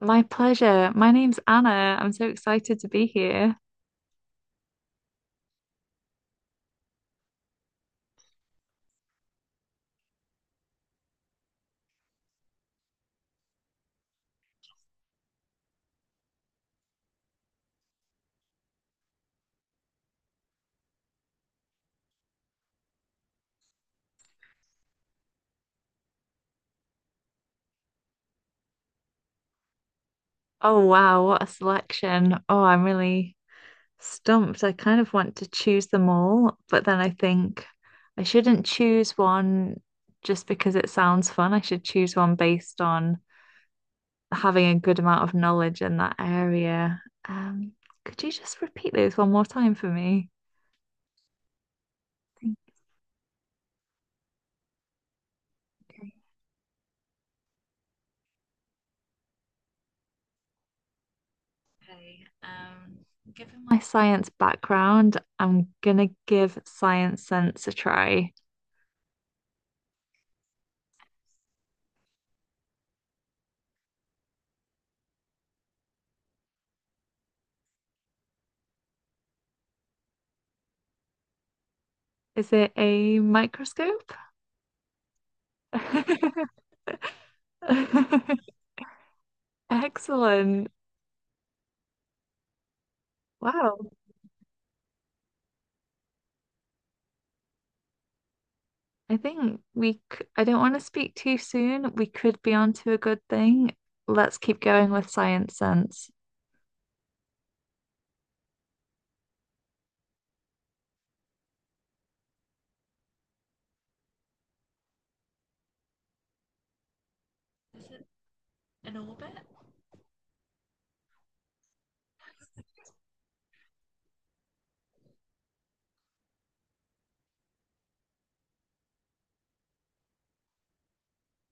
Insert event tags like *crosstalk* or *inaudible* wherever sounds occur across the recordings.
My pleasure. My name's Anna. I'm so excited to be here. Oh, wow, what a selection. Oh, I'm really stumped. I kind of want to choose them all, but then I think I shouldn't choose one just because it sounds fun. I should choose one based on having a good amount of knowledge in that area. Um, could you just repeat those one more time for me? Thank you. Okay. Given my science background, I'm gonna give Science Sense a try. Is it a microscope? *laughs* Excellent. Wow. I think I don't want to speak too soon. We could be on to a good thing. Let's keep going with Science Sense. Is it In orbit?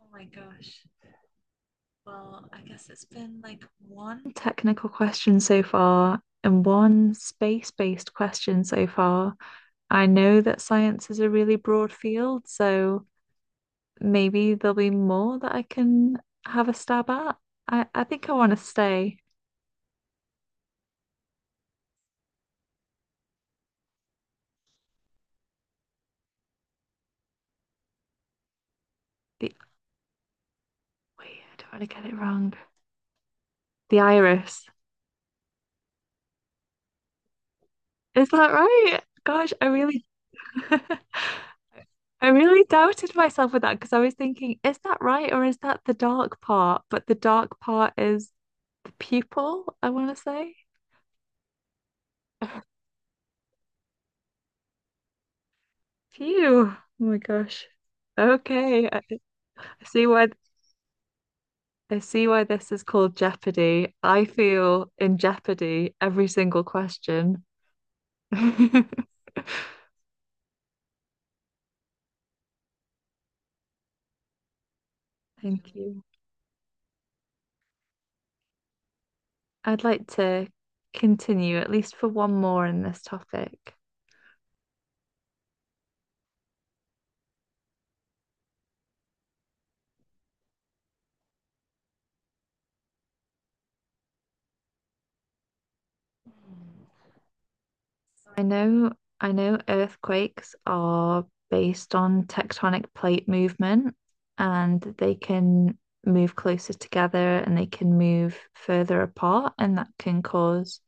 Oh my gosh. Well, I guess it's been like one technical question so far and one space-based question so far. I know that science is a really broad field, so maybe there'll be more that I can have a stab at. I think I want to stay the Wait, I don't want to get it wrong. The iris. Is that right? Gosh, I really *laughs* I really doubted myself with that because I was thinking, is that right or is that the dark part? But the dark part is the pupil, I want to say. Phew. Oh my gosh. Okay. I see why I see why this is called Jeopardy. I feel in jeopardy every single question. *laughs* Thank you. I'd like to continue at least for one more in this topic. I know, I know earthquakes are based on tectonic plate movement, and they can move closer together and they can move further apart, and that can cause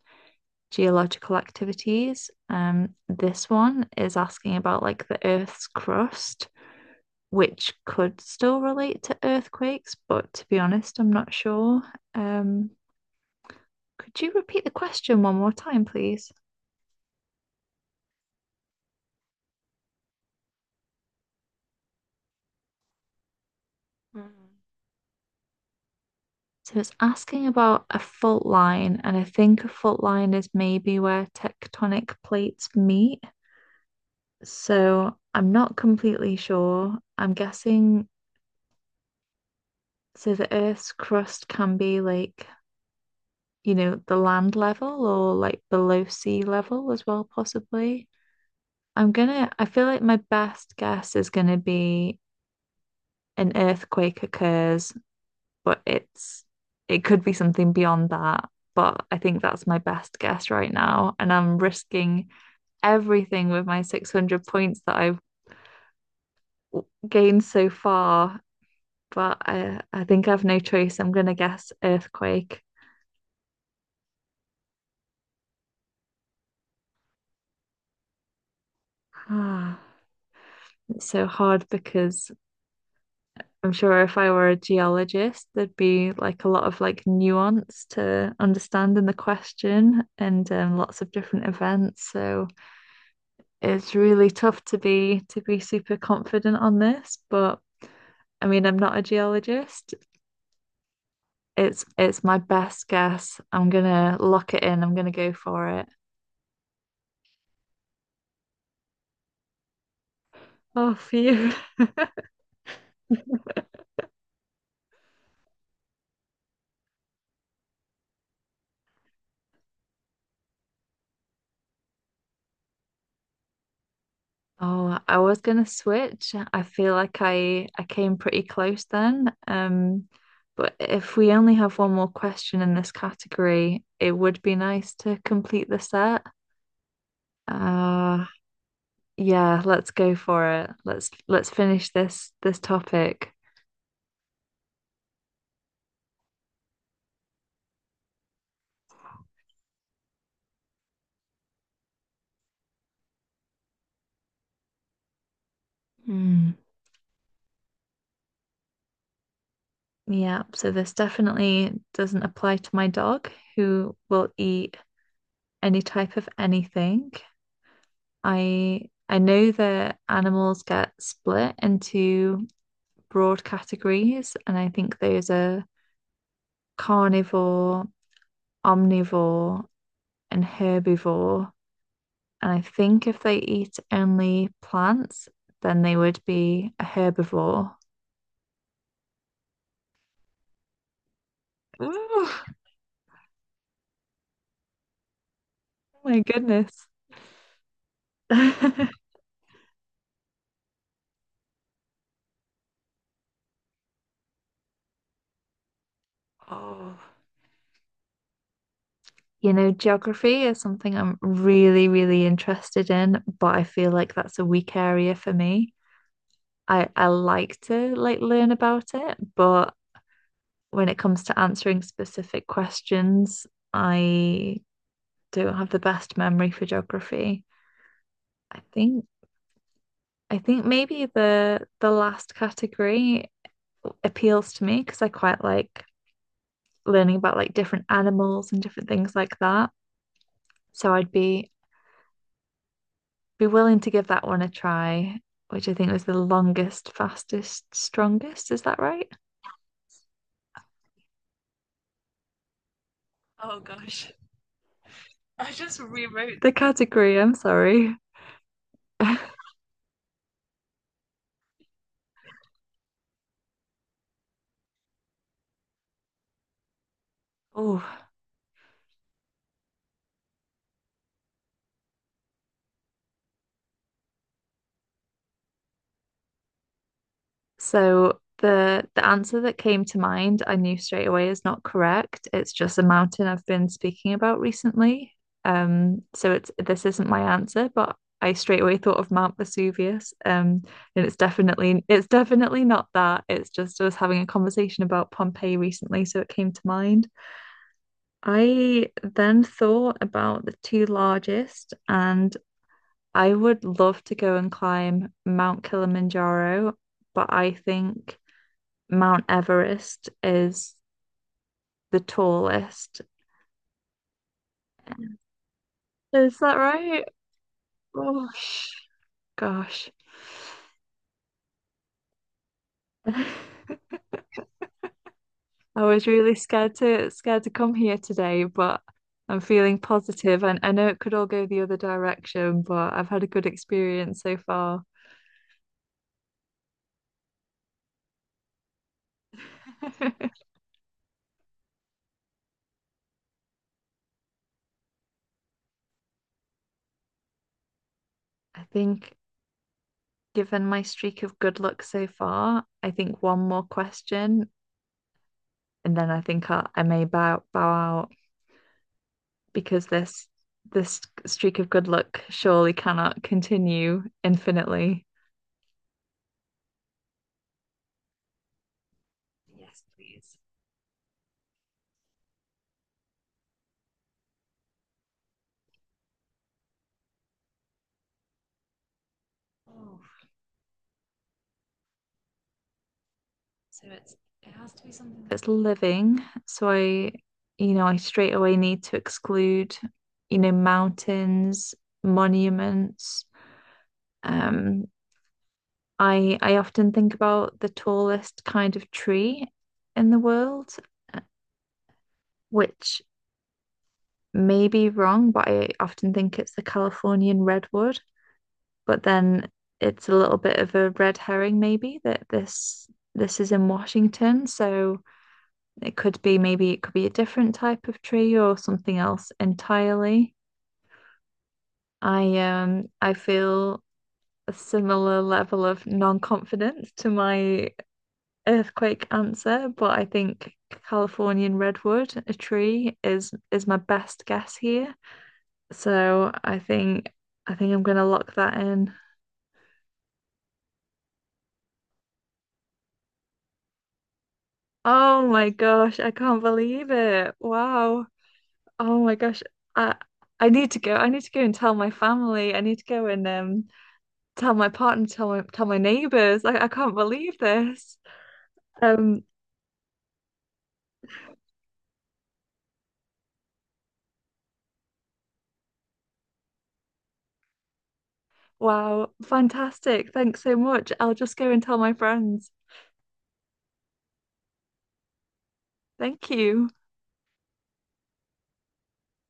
geological activities. This one is asking about like the Earth's crust, which could still relate to earthquakes, but to be honest, I'm not sure. Um, could you repeat the question one more time, please? Mhm. So it's asking about a fault line, and I think a fault line is maybe where tectonic plates meet. So I'm not completely sure. I'm guessing so the Earth's crust can be like, you know, the land level or like below sea level as well, possibly. I feel like my best guess is gonna be an earthquake occurs, but it could be something beyond that. But I think that's my best guess right now. And I'm risking everything with my 600 points that I've gained so far. But I think I have no choice. I'm going to guess earthquake. *sighs* It's so hard because I'm sure if I were a geologist, there'd be like a lot of like nuance to understand in the question, and lots of different events. So it's really tough to be super confident on this, but I mean, I'm not a geologist. It's my best guess. I'm gonna lock it in. I'm gonna go for it. Oh, phew. *laughs* Oh, I was gonna switch. I feel like I came pretty close then. But if we only have one more question in this category, it would be nice to complete the set. Uh, yeah, let's go for it. Let's finish this topic. Hmm. Yeah, so this definitely doesn't apply to my dog who will eat any type of anything. I know that animals get split into broad categories, and I think those are carnivore, omnivore, and herbivore. And I think if they eat only plants, then they would be a herbivore. Ooh, oh my goodness. *laughs* Oh. You know, geography is something I'm really, really interested in, but I feel like that's a weak area for me. I like to like learn about it, but when it comes to answering specific questions, I don't have the best memory for geography. I think I think maybe the last category appeals to me because I quite like learning about like different animals and different things like that. So I'd be willing to give that one a try, which I think was the longest, fastest, strongest. Is that right? Oh gosh. I just rewrote the category, I'm sorry. *laughs* oh, So the answer that came to mind, I knew straight away is not correct. It's just a mountain I've been speaking about recently. So it's This isn't my answer, but I straight away thought of Mount Vesuvius. And it's definitely not that. It's just I was having a conversation about Pompeii recently, so it came to mind. I then thought about the two largest, and I would love to go and climb Mount Kilimanjaro, but I think Mount Everest is the tallest. Is that right? Oh, gosh. *laughs* I was really scared to come here today, but I'm feeling positive and I know it could all go the other direction, but I've had a good experience so far. *laughs* I think given my streak of good luck so far, I think one more question and then I think I may bow out, because this streak of good luck surely cannot continue infinitely. Yes, please. Oh, so it has to be something that's living, so I, you know, I straight away need to exclude, you know, mountains, monuments. Um, I often think about the tallest kind of tree in the world, uh, which may be wrong, but I often think it's the Californian redwood. But then it's a little bit of a red herring, maybe, that this is in Washington. So it could be maybe it could be a different type of tree or something else entirely. I feel a similar level of non-confidence to my earthquake answer, but I think Californian redwood, a tree, is my best guess here. So I think I'm gonna lock that in. Oh my gosh, I can't believe it. Wow. Oh my gosh. I I need to go. I need to go and tell my family. I need to go and tell my partner, tell my neighbors. I can't believe this. Um wow, fantastic. Thanks so much. I'll just go and tell my friends. Thank you.